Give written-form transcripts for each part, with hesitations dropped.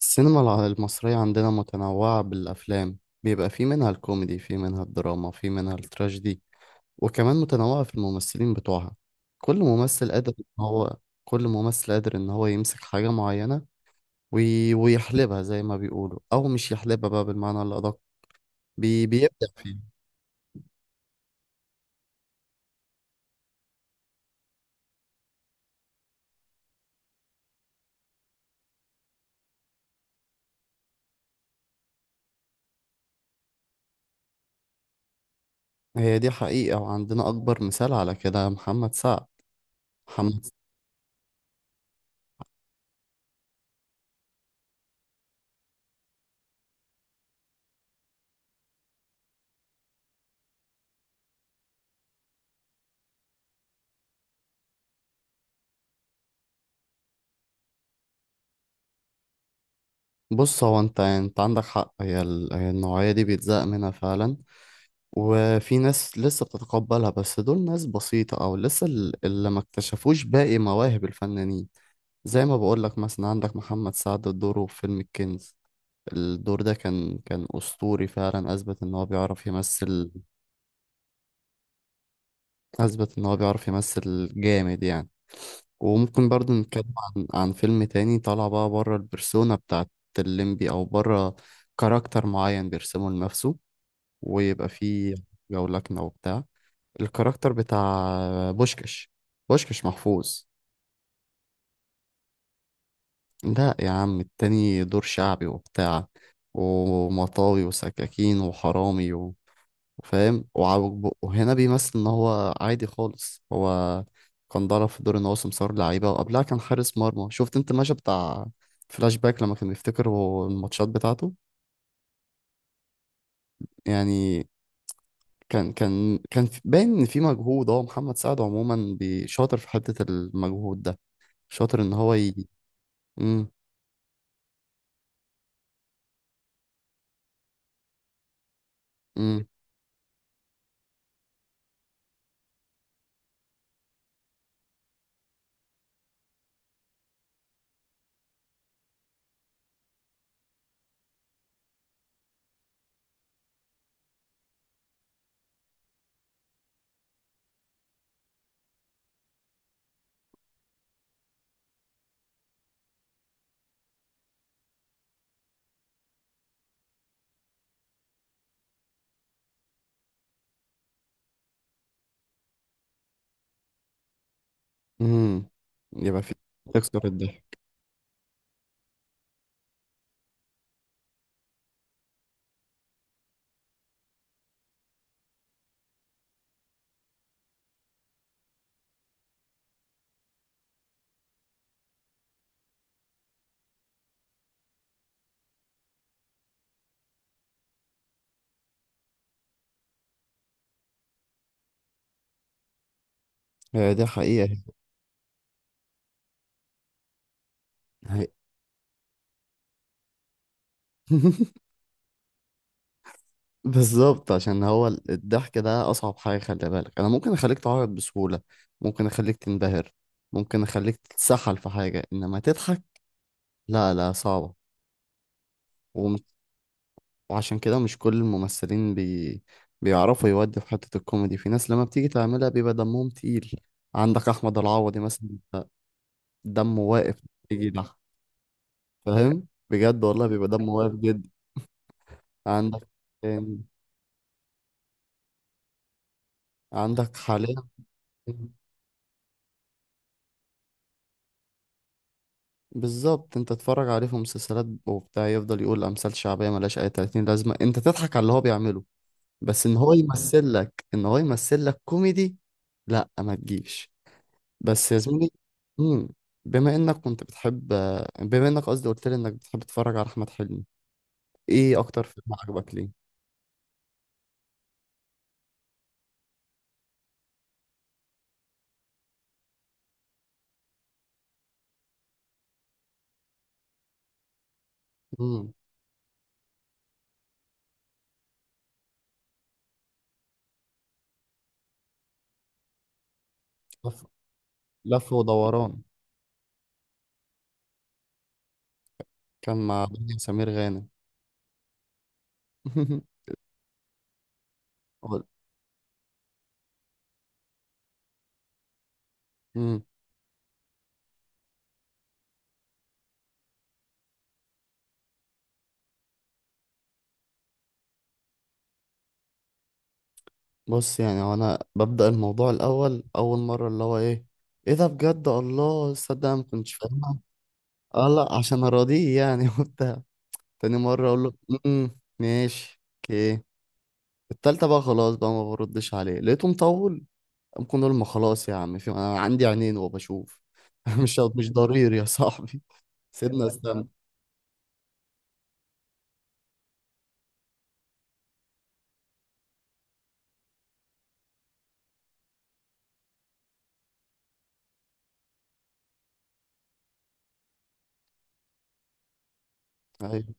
السينما المصرية عندنا متنوعة بالأفلام، بيبقى في منها الكوميدي، في منها الدراما، في منها التراجيدي. وكمان متنوعة في الممثلين بتوعها. كل ممثل قادر إن هو كل ممثل قادر إن هو يمسك حاجة معينة ويحلبها زي ما بيقولوا، أو مش يحلبها بقى بالمعنى الأدق، بيبدع فيها. هي دي حقيقة، وعندنا أكبر مثال على كده محمد سعد. محمد بص، هو أنت عندك حق، هي النوعية دي بيتزهق منها فعلا. وفي ناس لسه بتتقبلها، بس دول ناس بسيطة، أو لسه اللي ما اكتشفوش باقي مواهب الفنانين. زي ما بقولك، مثلا عندك محمد سعد دوره في فيلم الكنز. الدور ده كان أسطوري فعلا، أثبت إن هو بيعرف يمثل جامد يعني. وممكن برضه نتكلم عن فيلم تاني طالع بقى بره البرسونا بتاعت الليمبي، أو بره كاركتر معين بيرسمه لنفسه ويبقى فيه جولكنة وبتاع. الكاركتر بتاع بوشكش بوشكش محفوظ. لا يا عم، التاني دور شعبي وبتاع، ومطاوي وسكاكين وحرامي وفاهم وعوج بقه. وهنا بيمثل ان هو عادي خالص. هو كان ضرب في دور ان هو سمسار لعيبه، وقبلها كان حارس مرمى. شفت انت المشهد بتاع فلاش باك لما كان بيفتكر هو الماتشات بتاعته؟ يعني باين ان في مجهود. هو محمد سعد عموما شاطر في حته المجهود ده، شاطر ان هو امم امم يبقى في تكسر الضحك. هي دي حقيقة. هي. بالظبط، عشان هو الضحك ده أصعب حاجة. خلي بالك، أنا ممكن أخليك تعيط بسهولة، ممكن أخليك تنبهر، ممكن أخليك تتسحل في حاجة، إنما تضحك لا، لا، صعبة. وم- وعشان كده مش كل الممثلين بيعرفوا يودوا في حتة الكوميدي. في ناس لما بتيجي تعملها بيبقى دمهم تقيل. عندك أحمد العوضي مثلا، دمه واقف. بيجي يضحك، فاهم، بجد والله بيبقى دمه واقف جدا. عندك عندك حاليا بالظبط، انت تتفرج عليه في مسلسلات وبتاع، يفضل يقول امثال شعبيه ملهاش اي 30 لازمه، انت تضحك على اللي هو بيعمله، بس ان هو يمثل لك، ان هو يمثل لك كوميدي لا، ما تجيش. بس يا زميلي، مم، بما انك كنت بتحب بما انك قصدي قلت لي انك بتحب تتفرج على احمد حلمي، ايه اكتر فيلم عجبك ليه؟ مم، لف لف ودوران. كان مع دنيا سمير غانم. قول. بص يعني، هو انا ببدأ الموضوع الاول، اول مرة اللي هو ايه، ايه ده بجد، الله، صدق أنا ما كنتش فاهمها. اه، لا عشان اراضيه يعني وبتاع. تاني مرة اقول له امم، ماشي، اوكي. التالتة بقى خلاص بقى ما بردش عليه، لقيته مطول. ممكن اقول، ما خلاص يا عم، في انا عندي عينين وبشوف. مش، مش ضرير يا صاحبي. سيبنا استنى. ايوه،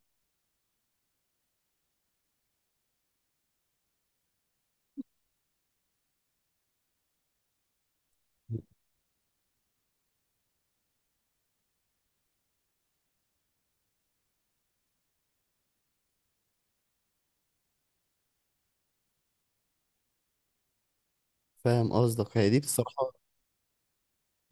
فاهم قصدك. هي دي بصراحة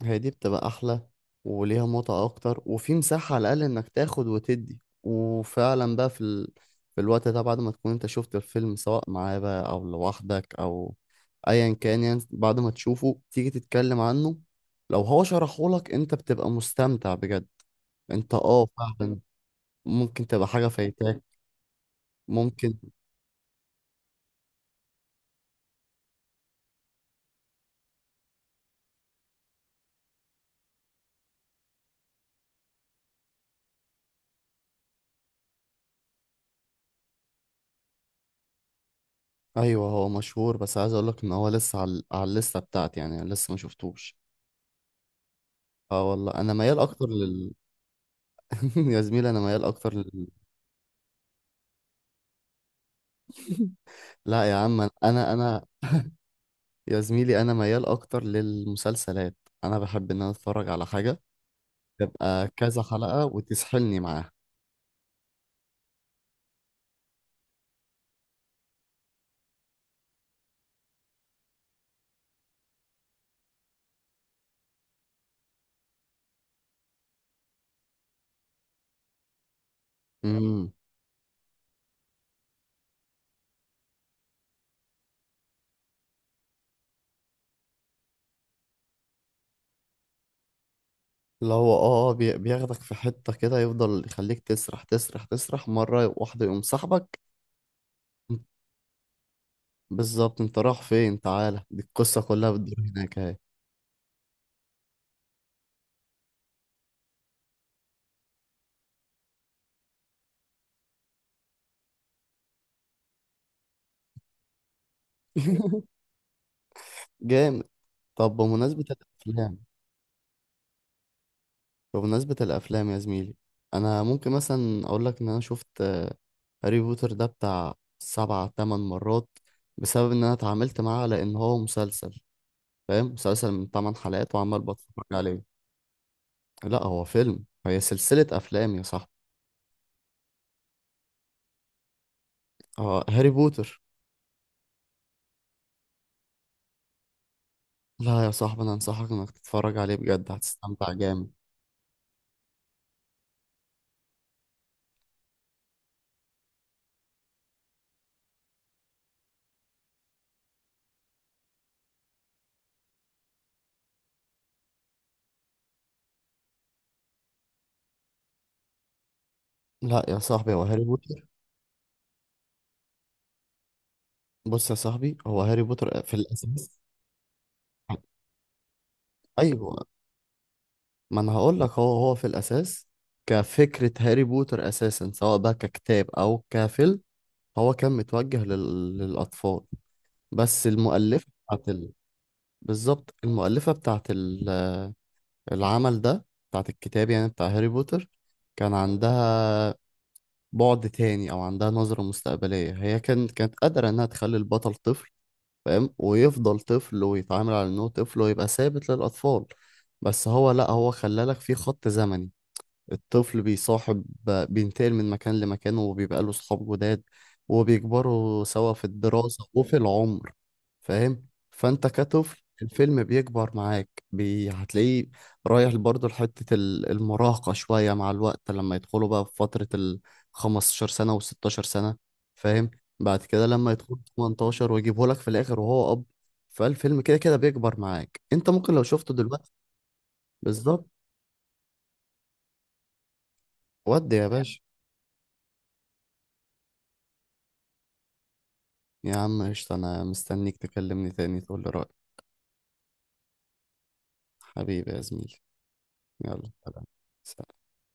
هي دي بتبقى احلى، وليها متعة اكتر، وفي مساحة على الاقل انك تاخد وتدي، وفعلا بقى في في الوقت ده، بعد ما تكون انت شفت الفيلم سواء معاه بقى او لوحدك، او ايا كان يعني، بعد ما تشوفه تيجي تتكلم عنه. لو هو شرحهولك انت بتبقى مستمتع بجد. انت اه فعلا، ممكن تبقى حاجة فايتاك. ممكن. ايوه هو مشهور، بس عايز اقولك ان هو لسه على، على الليسته بتاعتي يعني، أنا لسه ما شفتوش. اه والله، انا ميال اكتر لل يا زميلي، انا ميال اكتر. لا يا عم، انا يا زميلي انا ميال اكتر للمسلسلات. انا بحب ان انا اتفرج على حاجه تبقى كذا حلقه وتسحلني معاها. امم، اللي هو بياخدك في حته كده، يفضل يخليك تسرح تسرح تسرح، مره واحده يقوم سحبك. بالظبط، انت رايح فين؟ تعالى، دي القصه كلها بتدور هناك اهي. جامد. طب، بمناسبه الافلام، بمناسبة الأفلام يا زميلي، أنا ممكن مثلا أقول لك إن أنا شفت هاري بوتر ده بتاع سبع تمن مرات، بسبب إن أنا اتعاملت معاه على إن هو مسلسل. فاهم، مسلسل من تمن حلقات وعمال بتفرج عليه. لا هو فيلم، هي سلسلة أفلام يا صاحبي. اه هاري بوتر. لا يا صاحبي، أنا أنصحك إنك تتفرج عليه بجد، هتستمتع جامد. لا يا صاحبي، هو هاري بوتر. بص يا صاحبي، هو هاري بوتر في الأساس. أيوه. ما انا هقول لك، هو هو في الاساس، كفكره، هاري بوتر اساسا سواء بقى ككتاب او كفيلم، هو كان متوجه للاطفال. بس المؤلفه بتاعت ال... بالظبط، المؤلفه بتاعت العمل ده، بتاعت الكتاب يعني بتاع هاري بوتر، كان عندها بعد تاني، او عندها نظره مستقبليه. هي كانت قادره انها تخلي البطل طفل، فاهم، ويفضل طفل ويتعامل على انه طفل ويبقى ثابت للاطفال. بس هو لا، هو خلالك في خط زمني. الطفل بيصاحب، بينتقل من مكان لمكان، وبيبقى له صحاب جداد، وبيكبروا سوا في الدراسة وفي العمر. فاهم، فانت كطفل الفيلم بيكبر معاك، هتلاقيه رايح برضه لحتة المراهقة شوية مع الوقت، لما يدخلوا بقى في فترة ال 15 سنة و 16 سنة، فاهم، بعد كده لما يدخل 18 ويجيبه لك في الآخر وهو أب. فالفيلم كده كده بيكبر معاك، انت ممكن لو شفته دلوقتي. بالظبط. ودي يا باشا، يا عم قشطة. أنا مستنيك تكلمني تاني تقول لي رأيك. حبيبي يا زميلي، يلا، سلام.